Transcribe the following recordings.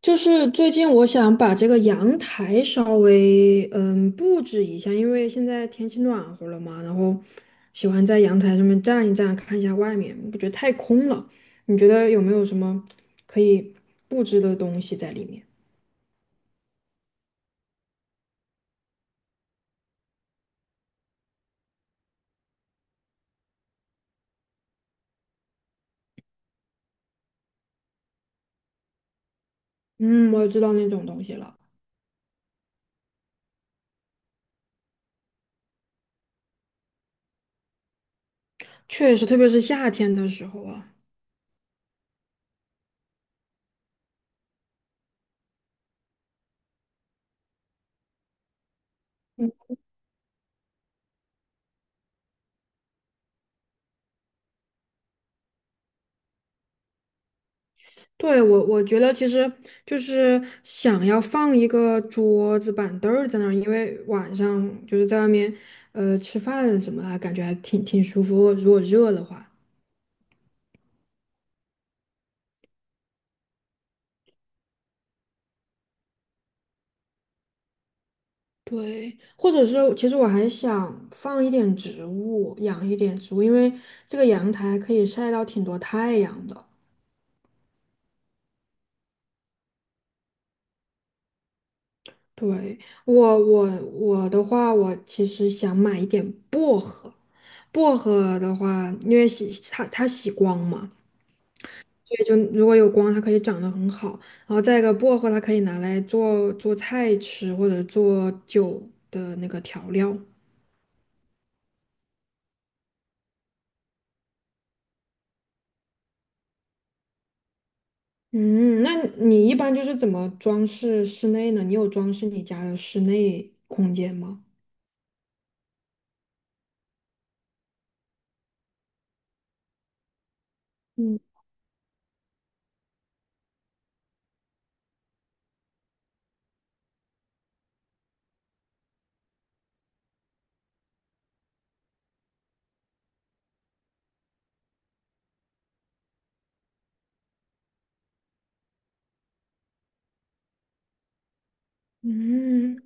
就是最近我想把这个阳台稍微布置一下，因为现在天气暖和了嘛，然后喜欢在阳台上面站一站，看一下外面，我觉得太空了。你觉得有没有什么可以布置的东西在里面？嗯，我也知道那种东西了。确实，特别是夏天的时候啊。对，我觉得其实就是想要放一个桌子板凳儿在那儿，因为晚上就是在外面，吃饭什么的，感觉还挺舒服。如果热的话，对，或者是其实我还想放一点植物，养一点植物，因为这个阳台可以晒到挺多太阳的。对，我我我的话，我其实想买一点薄荷。薄荷的话，因为喜它喜光嘛。对，就如果有光，它可以长得很好。然后再一个，薄荷它可以拿来做做菜吃，或者做酒的那个调料。嗯，那你一般就是怎么装饰室内呢？你有装饰你家的室内空间吗？嗯嗯。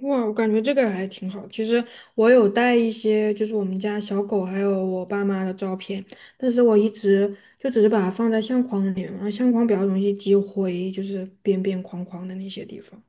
哇，我感觉这个还挺好。其实我有带一些，就是我们家小狗还有我爸妈的照片，但是我一直就只是把它放在相框里面，然后相框比较容易积灰，就是边边框框的那些地方。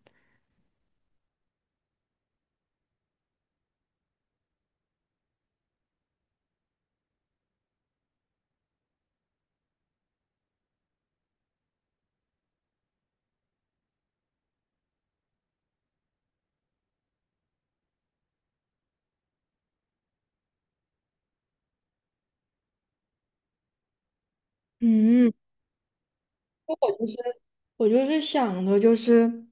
嗯，我就是想的，就是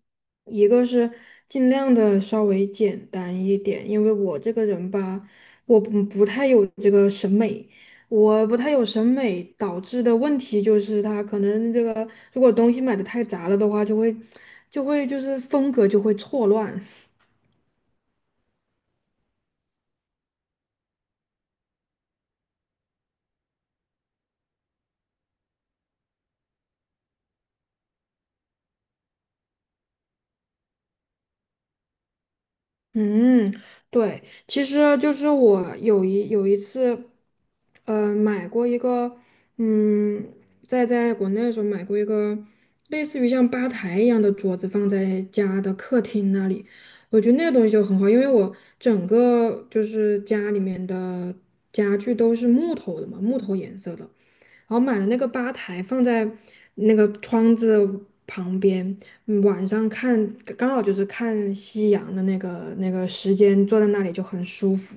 一个是尽量的稍微简单一点，因为我这个人吧，我不太有这个审美。我不太有审美导致的问题就是他可能这个如果东西买的太杂了的话，就是风格就会错乱。嗯，对，其实就是我有一次，买过一个，嗯，在国内的时候买过一个类似于像吧台一样的桌子，放在家的客厅那里，我觉得那个东西就很好，因为我整个就是家里面的家具都是木头的嘛，木头颜色的。然后买了那个吧台放在那个窗子旁边。晚上看刚好就是看夕阳的那个时间，坐在那里就很舒服。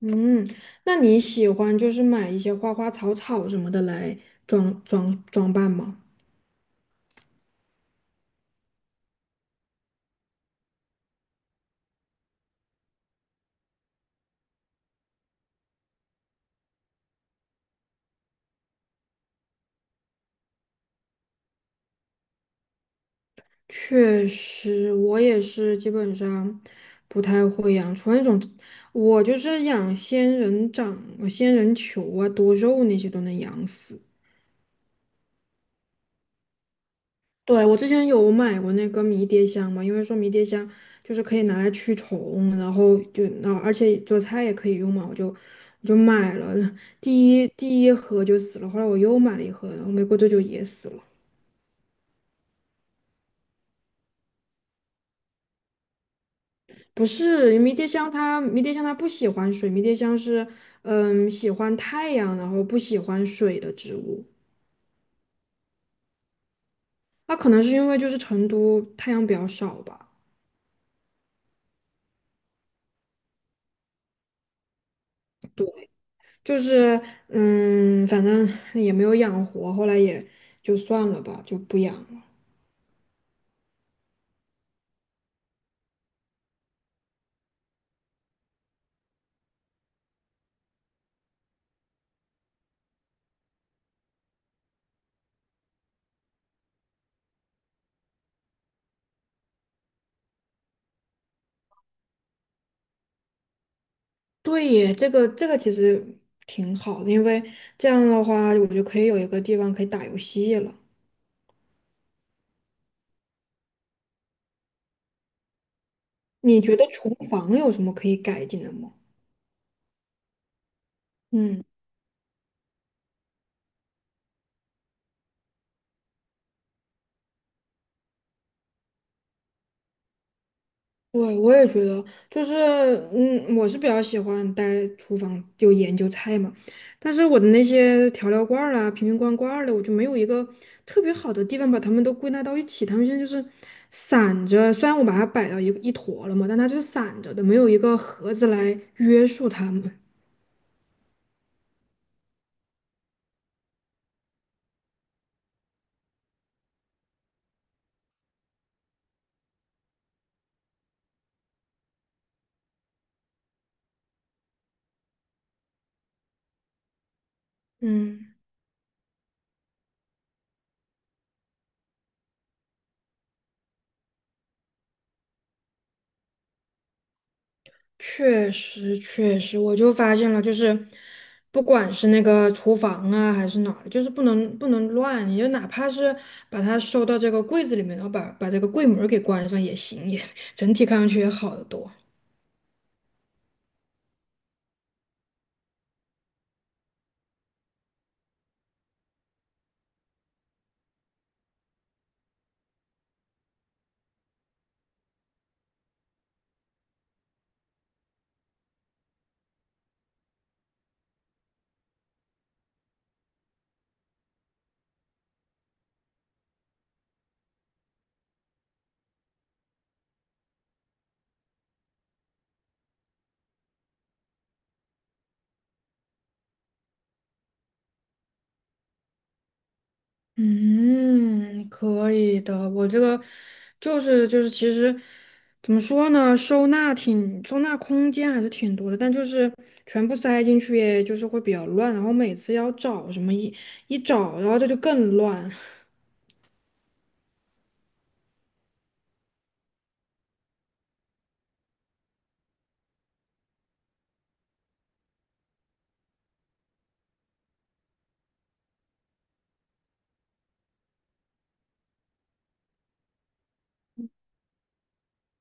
嗯，那你喜欢就是买一些花花草草什么的来装扮吗？确实，我也是基本上不太会养，除了那种，我就是养仙人掌、仙人球啊、多肉那些都能养死。对，我之前有买过那个迷迭香嘛，因为说迷迭香就是可以拿来驱虫，然后就那而且做菜也可以用嘛，我就买了，第一盒就死了，后来我又买了一盒，然后没过多久也死了。不是迷迭香它，迷迭香它不喜欢水，迷迭香是喜欢太阳，然后不喜欢水的植物。那可能是因为就是成都太阳比较少吧。就是嗯，反正也没有养活，后来也就算了吧，就不养了。对耶，这个其实挺好的，因为这样的话，我就可以有一个地方可以打游戏了。你觉得厨房有什么可以改进的吗？嗯。对，我也觉得，就是，嗯，我是比较喜欢待厨房就研究菜嘛，但是我的那些调料罐儿啦、瓶瓶罐罐儿的，我就没有一个特别好的地方把它们都归纳到一起。它们现在就是散着，虽然我把它摆到一一坨了嘛，但它就是散着的，没有一个盒子来约束它们。嗯。确实，确实，我就发现了，就是不管是那个厨房啊，还是哪儿，就是不能乱，你就哪怕是把它收到这个柜子里面，然后把这个柜门儿给关上也行，也整体看上去也好得多。嗯，可以的。我这个就是，其实怎么说呢，收纳挺收纳空间还是挺多的，但就是全部塞进去，也就是会比较乱，然后每次要找什么一找，然后这就更乱。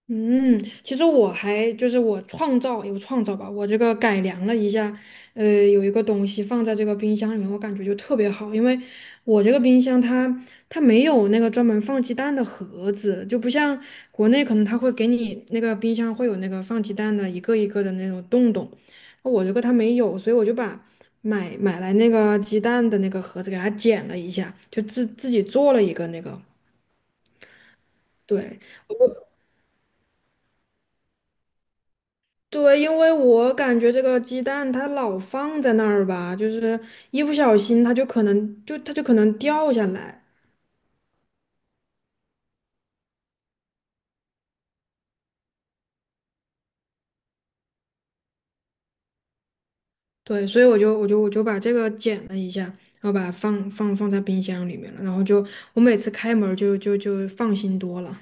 嗯，其实我还就是我创造有创造吧，我这个改良了一下，有一个东西放在这个冰箱里面，我感觉就特别好，因为我这个冰箱它没有那个专门放鸡蛋的盒子，就不像国内可能它会给你那个冰箱会有那个放鸡蛋的一个一个的那种洞洞，我这个它没有，所以我就把买来那个鸡蛋的那个盒子给它剪了一下，就自己做了一个那个，对。对，因为我感觉这个鸡蛋它老放在那儿吧，就是一不小心它就可能掉下来。对，所以我就把这个剪了一下，然后把它放在冰箱里面了，然后就我每次开门儿就放心多了。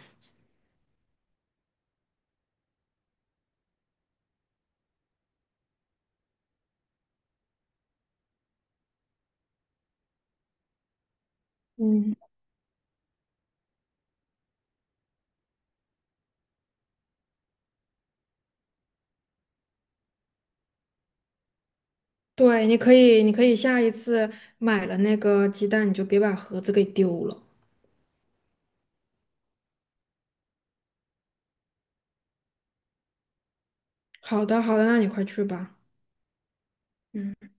嗯，对，你可以下一次买了那个鸡蛋，你就别把盒子给丢了。好的好的，那你快去吧。嗯。